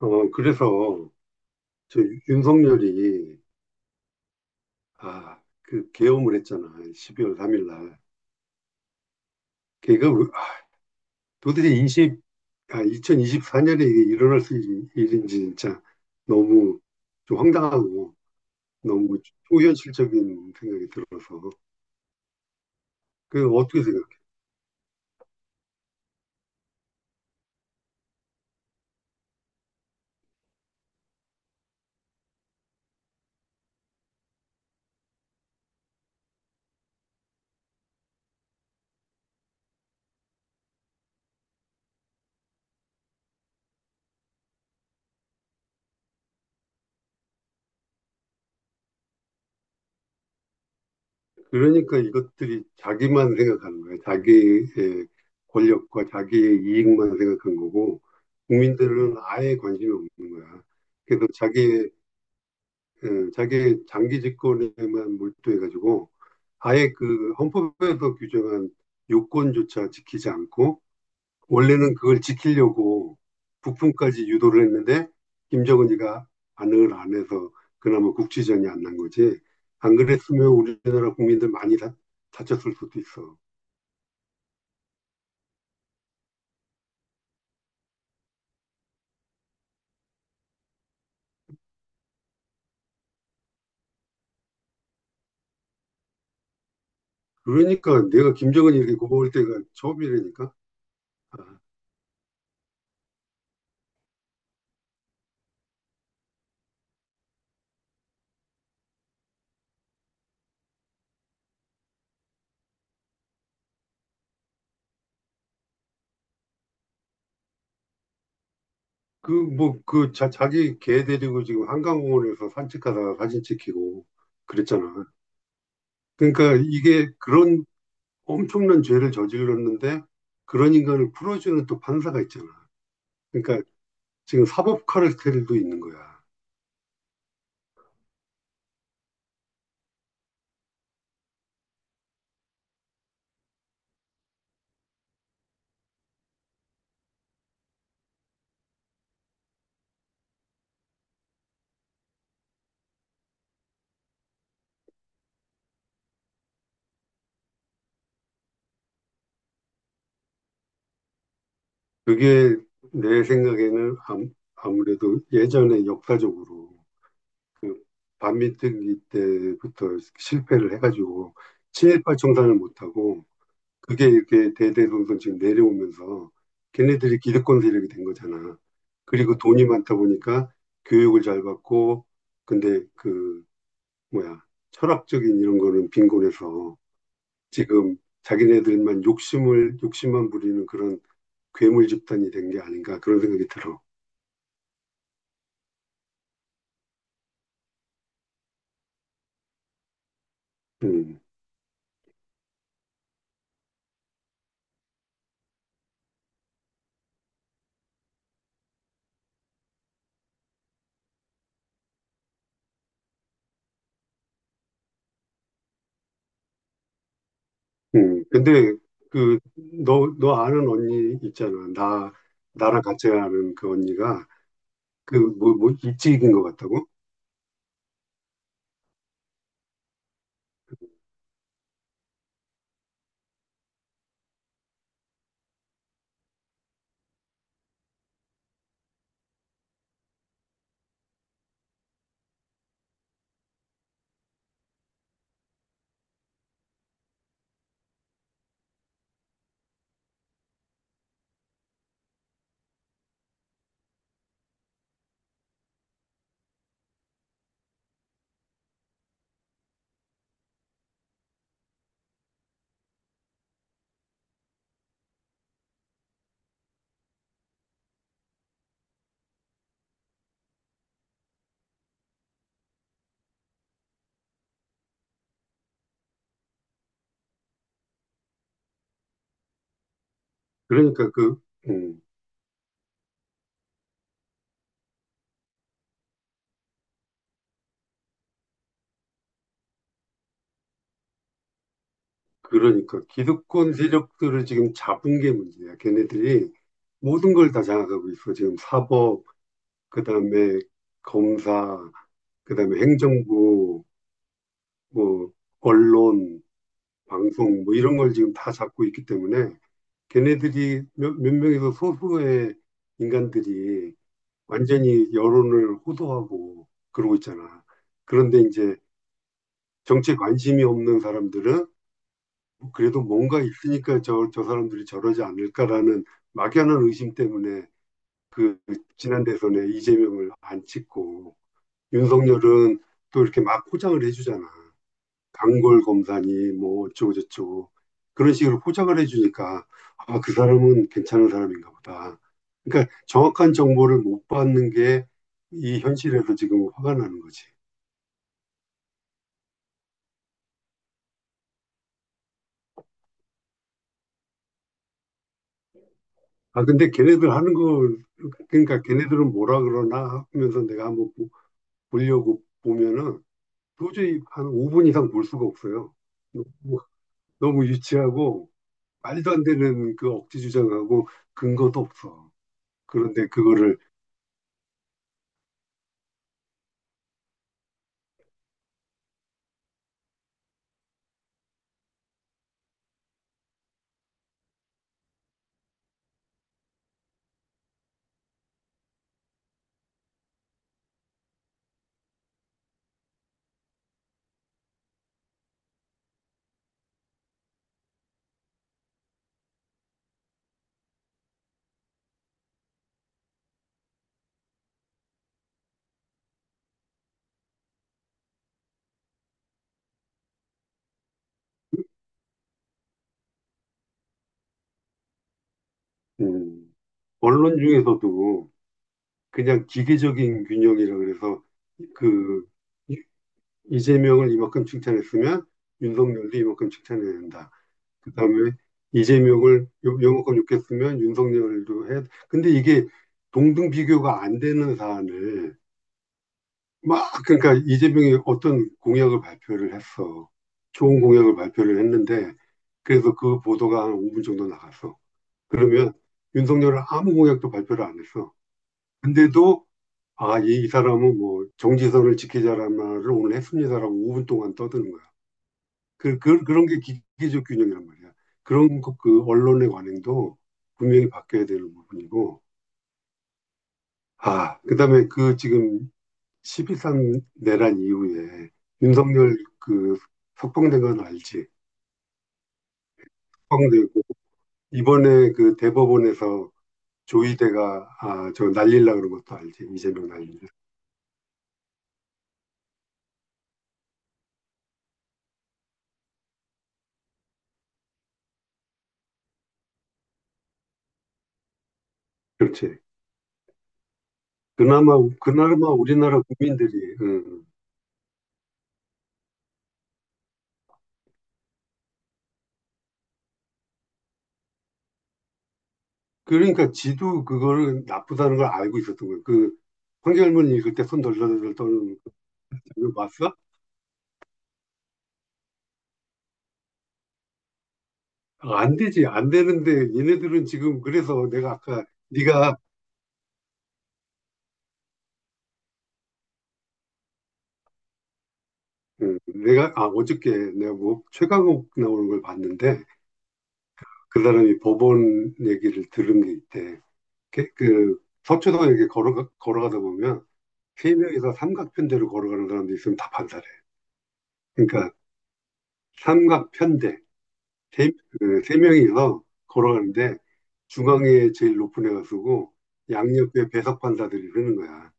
어, 그래서 저 윤석열이 아, 그 계엄을 했잖아. 12월 3일 날. 걔가 도대체 20, 2이십4년에 이게 일어날 수 있는 일인지 진짜 너무 좀 황당하고 너무 초현실적인 생각이 들어서. 그 어떻게 생각해? 그러니까 이것들이 자기만 생각하는 거야. 자기의 권력과 자기의 이익만 생각한 거고 국민들은 아예 관심이 없는 거야. 그래서 자기의 예, 자기 장기 집권에만 몰두해가지고 아예 그 헌법에서 규정한 요건조차 지키지 않고 원래는 그걸 지키려고 북풍까지 유도를 했는데 김정은이가 안을 안 해서 그나마 국지전이 안 난 거지. 안 그랬으면 우리나라 국민들 많이 다쳤을 수도 있어. 그러니까 내가 김정은이 이렇게 고마울 때가 처음이라니까. 아, 뭐, 자기 개 데리고 지금 한강공원에서 산책하다가 사진 찍히고 그랬잖아. 그러니까 이게 그런 엄청난 죄를 저질렀는데 그런 인간을 풀어주는 또 판사가 있잖아. 그러니까 지금 사법 카르텔도 있는 거야. 그게 내 생각에는 아무래도 예전에 역사적으로 그 반민특위 때부터 실패를 해가지고 친일파 청산을 못하고 그게 이렇게 대대손손 지금 내려오면서 걔네들이 기득권 세력이 된 거잖아. 그리고 돈이 많다 보니까 교육을 잘 받고 근데 그 뭐야, 철학적인 이런 거는 빈곤해서 지금 자기네들만 욕심만 부리는 그런 괴물 집단이 된 게 아닌가 그런 생각이 들어. 음, 근데 너 아는 언니 있잖아. 나랑 같이 아는 그 언니가 뭐, 입직인 것 같다고? 그러니까 그, 음, 그러니까 기득권 세력들을 지금 잡은 게 문제야. 걔네들이 모든 걸 다 장악하고 있어. 지금 사법, 그다음에 검사, 그다음에 행정부, 뭐 언론, 방송 뭐 이런 걸 지금 다 잡고 있기 때문에 걔네들이 몇 명에서 소수의 인간들이 완전히 여론을 호도하고 그러고 있잖아. 그런데 이제 정치에 관심이 없는 사람들은 뭐 그래도 뭔가 있으니까 저 사람들이 저러지 않을까라는 막연한 의심 때문에 그 지난 대선에 이재명을 안 찍고 윤석열은 또 이렇게 막 포장을 해주잖아. 단골 검사니 뭐 어쩌고 저쩌고 그런 식으로 포장을 해주니까 아, 그 사람은 괜찮은 사람인가 보다. 그러니까 정확한 정보를 못 받는 게 이 현실에서 지금 화가 나는 거지. 아, 근데 걔네들 하는 거, 그러니까 걔네들은 뭐라 그러나 하면서 내가 한번 보려고 보면은 도저히 한 5분 이상 볼 수가 없어요. 너무, 너무 유치하고 말도 안 되는 그 억지 주장하고 근거도 없어. 그런데 그거를 음, 언론 중에서도 그냥 기계적인 균형이라 그래서 그 이- 이재명을 이만큼 칭찬했으면 윤석열도 이만큼 칭찬해야 된다. 그다음에 이재명을 요만큼 욕했으면 윤석열도 해. 근데 이게 동등 비교가 안 되는 사안을 막 그러니까 이재명이 어떤 공약을 발표를 했어. 좋은 공약을 발표를 했는데 그래서 그 보도가 한 5분 정도 나갔어. 그러면 윤석열은 아무 공약도 발표를 안 했어. 근데도 아, 사람은 뭐 정지선을 지키자라는 말을 오늘 했습니다라고 5분 동안 떠드는 거야. 그런 게 기계적 균형이란 말이야. 그 언론의 관행도 분명히 바뀌어야 되는 부분이고. 아, 그다음에 그 지금 12.3 내란 이후에 윤석열 그 석방된 건 알지? 석방되고 이번에 그 대법원에서 조희대가 아, 저 날릴라 그런 것도 알지? 이재명 날린다. 그렇지. 그나마, 그나마 우리나라 국민들이. 그러니까 지도 그걸 나쁘다는 걸 알고 있었던 거예요. 황절문 읽을 때 손 덜덜덜 떠는 거 이거 봤어? 아, 안 되지, 안 되는데, 얘네들은 지금, 그래서 내가 아까, 네가, 어저께 내가 뭐, 최강욱 나오는 걸 봤는데, 그 사람이 법원 얘기를 들은 게 있대. 그 서초동 이렇게 걸어가다 보면, 세 명이서 삼각편대로 걸어가는 사람도 있으면 다 판사래. 그러니까, 삼각편대. 세 명이서 걸어가는데 중앙에 제일 높은 애가 쓰고 양옆에 배석 판사들이 쓰는 거야.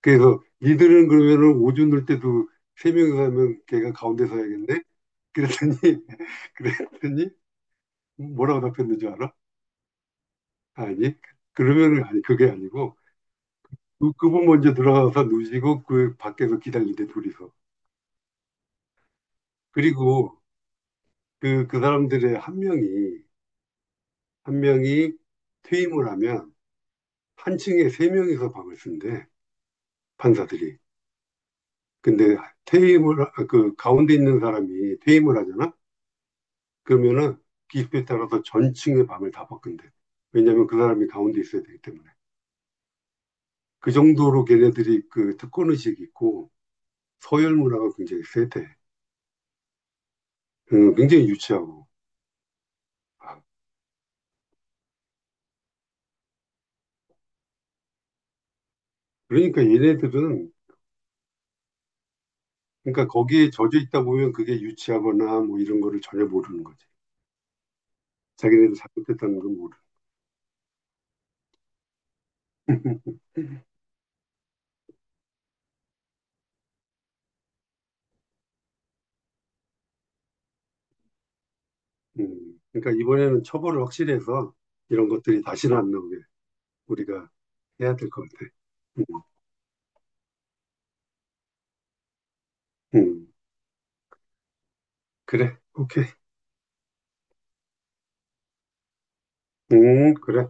그래서 니들은 그러면은 오줌 을 때도 세 명이서 하면 걔가 가운데 서야겠네? 그랬더니 그랬더니 뭐라고 답했는지 알아? 아니 그러면은 아니 그게 아니고 그분 먼저 들어가서 누시고 그 밖에서 기다리는데 둘이서 그리고 그 사람들의 한 명이 퇴임을 하면 한 층에 세 명이서 방을 쓴대. 판사들이. 근데 퇴임을, 그 가운데 있는 사람이 퇴임을 하잖아? 그러면은 기습에 따라서 전층의 밤을 다 바꾼대. 왜냐면 그 사람이 가운데 있어야 되기 때문에. 그 정도로 걔네들이 그 특권의식이 있고 서열 문화가 굉장히 세대. 굉장히 유치하고. 아, 그러니까 얘네들은, 그러니까 거기에 젖어 있다 보면 그게 유치하거나 뭐 이런 거를 전혀 모르는 거지. 자기네들 잘못했다는 걸 모르는. 그러니까 이번에는 처벌을 확실히 해서 이런 것들이 다시는 안 나오게. 우리가 해야 될 것 같아. 음, 음. 그래, 오케이. 그래.